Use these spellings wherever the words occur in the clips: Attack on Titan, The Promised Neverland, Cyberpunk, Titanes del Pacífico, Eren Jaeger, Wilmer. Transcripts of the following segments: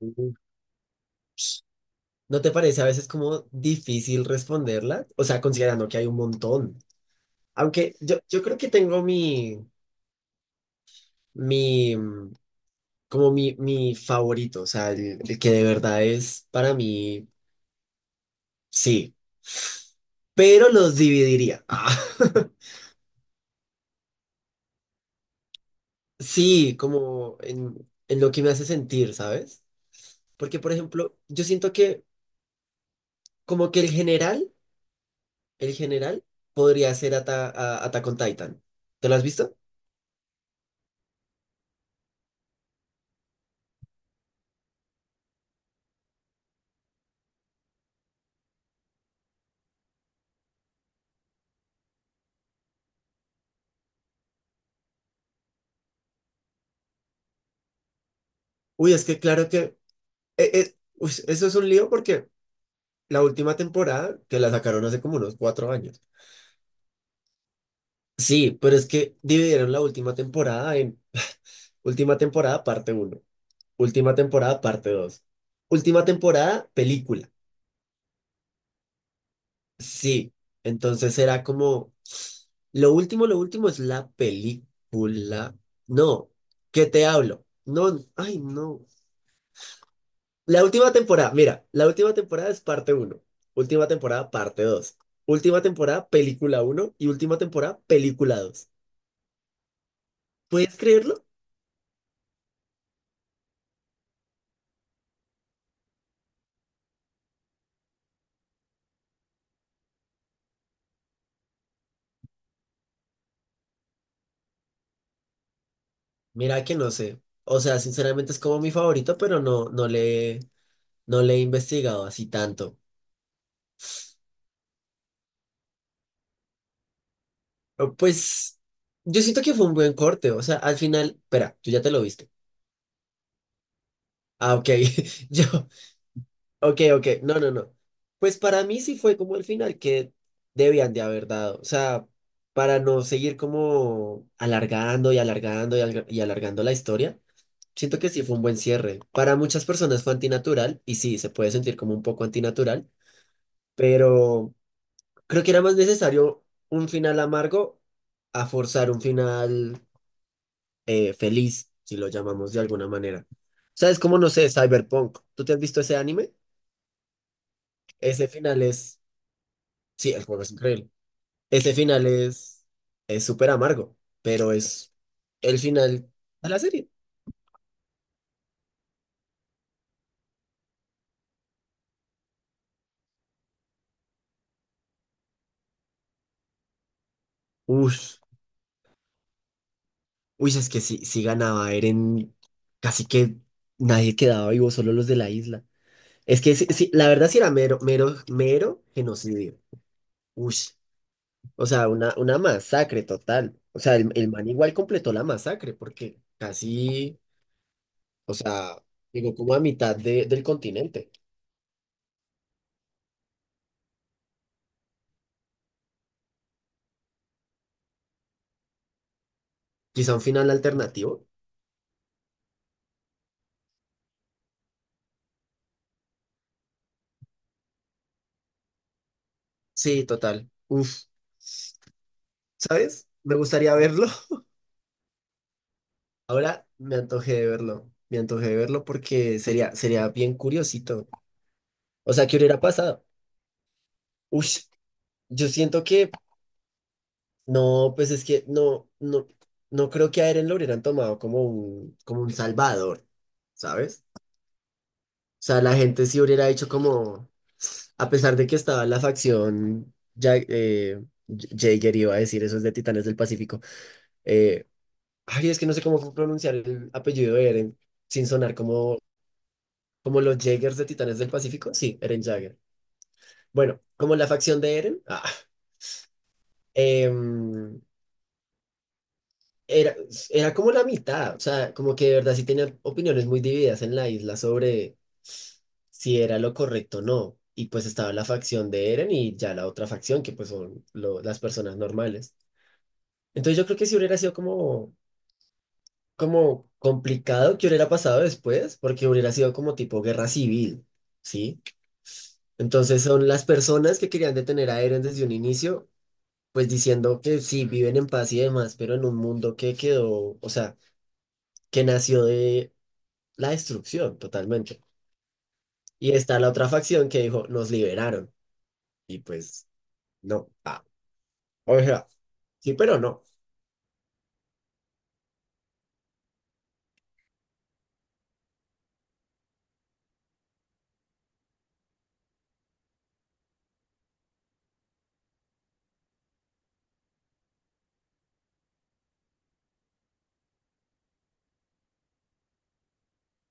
Mm. ¿No te parece a veces como difícil responderla? O sea, considerando que hay un montón. Aunque yo creo que tengo mi, mi, mm, como mi favorito, o sea, el que de verdad es para mí, sí, pero los dividiría. Ah, Sí, como en lo que me hace sentir, ¿sabes? Porque, por ejemplo, yo siento que como que el general podría ser Attack on Titan. ¿Te lo has visto? Uy, es que claro que eso es un lío porque la última temporada, que la sacaron hace como unos cuatro años. Sí, pero es que dividieron la última temporada en última temporada parte uno, última temporada parte dos, última temporada película. Sí, entonces era como, lo último es la película. No, ¿qué te hablo? No, ay, no. La última temporada, mira, la última temporada es parte uno, última temporada parte dos, última temporada película uno y última temporada película dos. ¿Puedes creerlo? Mira que no sé. O sea, sinceramente es como mi favorito, pero no le he investigado así tanto. Pero, pues yo siento que fue un buen corte, o sea, al final, espera, tú ya te lo viste. Ah, ok, yo, ok, ok, no, no, no. Pues para mí sí fue como el final que debían de haber dado. O sea, para no seguir como alargando y alargando y, y alargando la historia, siento que sí fue un buen cierre. Para muchas personas fue antinatural y sí, se puede sentir como un poco antinatural, pero creo que era más necesario un final amargo a forzar un final feliz, si lo llamamos de alguna manera. O sea, es como, no sé, Cyberpunk. ¿Tú te has visto ese anime? Ese final es... Sí, el juego es increíble. Ese final es súper amargo, pero es el final de la serie. Ush, uy, es que si ganaba Eren, casi que nadie quedaba vivo, solo los de la isla. Es que sí, sí, la verdad sí era mero, mero, mero genocidio. Ush, o sea, una masacre total. O sea, el man igual completó la masacre, porque casi, o sea, llegó como a del continente. Quizá un final alternativo. Sí, total. Uf. ¿Sabes? Me gustaría verlo. Ahora me antojé de verlo. Me antojé de verlo porque sería, sería bien curiosito. O sea, ¿qué hubiera pasado? Ush, yo siento que no, pues es que no creo que a Eren lo hubieran tomado como como un salvador, ¿sabes? O sea, la gente sí hubiera hecho como, a pesar de que estaba la facción, ya, Jaeger iba a decir, eso es de Titanes del Pacífico. Eh, ay, es que no sé cómo pronunciar el apellido de Eren sin sonar como como los Jaegers de Titanes del Pacífico. Sí, Eren Jaeger. Bueno, como la facción de Eren. Em, era, era como la mitad. O sea, como que de verdad sí tenían opiniones muy divididas en la isla sobre si era lo correcto o no. Y pues estaba la facción de Eren y ya la otra facción, que pues son las personas normales. Entonces yo creo que si hubiera sido como, como complicado que hubiera pasado después, porque hubiera sido como tipo guerra civil, ¿sí? Entonces son las personas que querían detener a Eren desde un inicio, pues diciendo que sí, viven en paz y demás, pero en un mundo que quedó, o sea, que nació de la destrucción totalmente. Y está la otra facción que dijo, nos liberaron. Y pues, no. Ah, o sea, sí, pero no.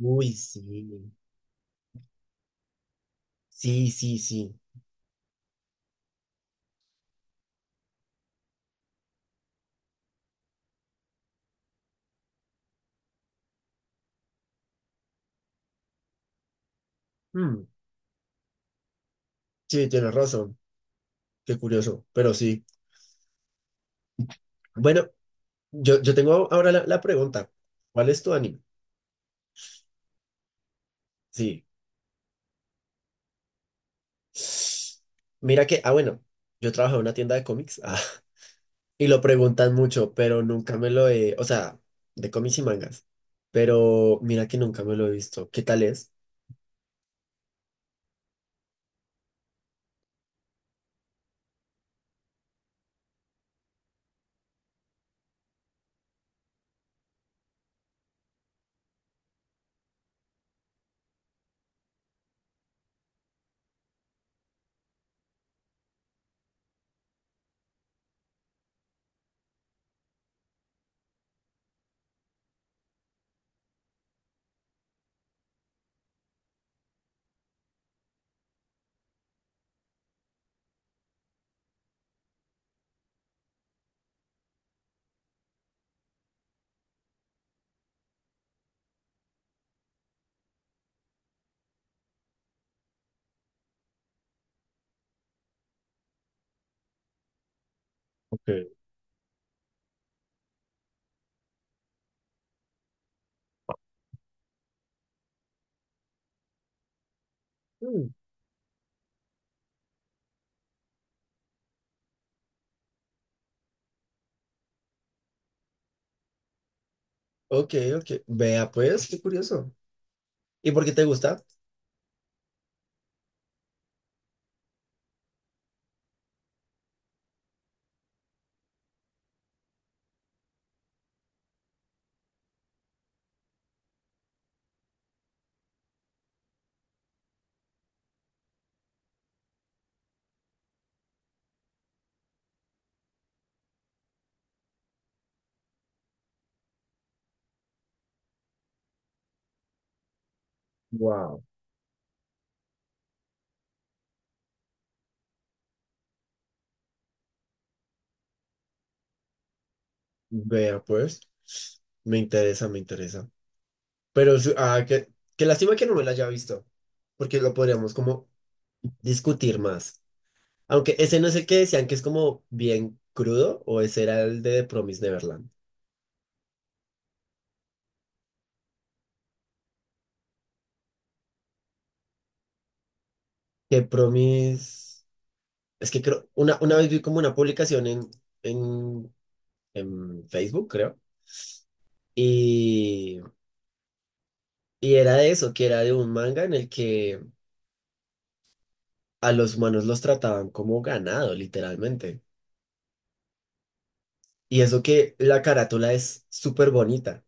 Uy, sí. Sí, sí, sí. Mm, sí, tienes razón. Qué curioso, pero sí. Bueno, yo tengo ahora la pregunta. ¿Cuál es tu anime? Sí. Mira que, ah, bueno, yo trabajo en una tienda de cómics, y lo preguntan mucho, pero nunca me lo he, o sea, de cómics y mangas, pero mira que nunca me lo he visto. ¿Qué tal es? Ok. Mm, ok, ok. Vea pues, qué curioso. ¿Y por qué te gusta? Wow. Vea pues, me interesa, me interesa. Pero, qué, qué lástima que no me la haya visto, porque lo podríamos como discutir más. Aunque ese no es el que decían que es como bien crudo, o ese era el de Promis Neverland. Que Promis. Es que creo. Una vez vi como una publicación en, en Facebook, creo. Y, y era de eso, que era de un manga en el que a los humanos los trataban como ganado, literalmente. Y eso que la carátula es súper bonita.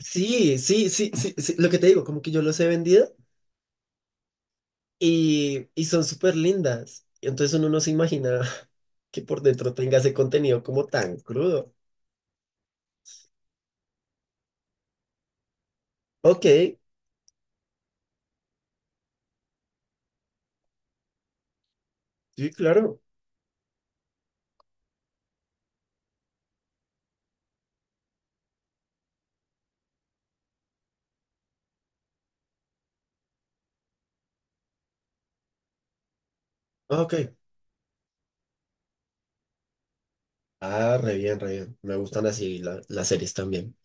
Sí, sí, sí, sí, sí, lo que te digo, como que yo los he vendido. Y son súper lindas. Y entonces uno no se imagina que por dentro tenga ese contenido como tan crudo. Ok, sí, claro. Ah, ok. Ah, re bien, re bien. Me gustan así las series también.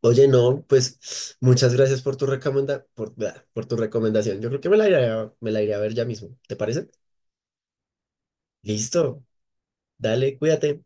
Oye, no, pues muchas gracias por tu recomenda, por, bla, por tu recomendación. Yo creo que me la iré a, me la iré a ver ya mismo. ¿Te parece? Listo. Dale, cuídate.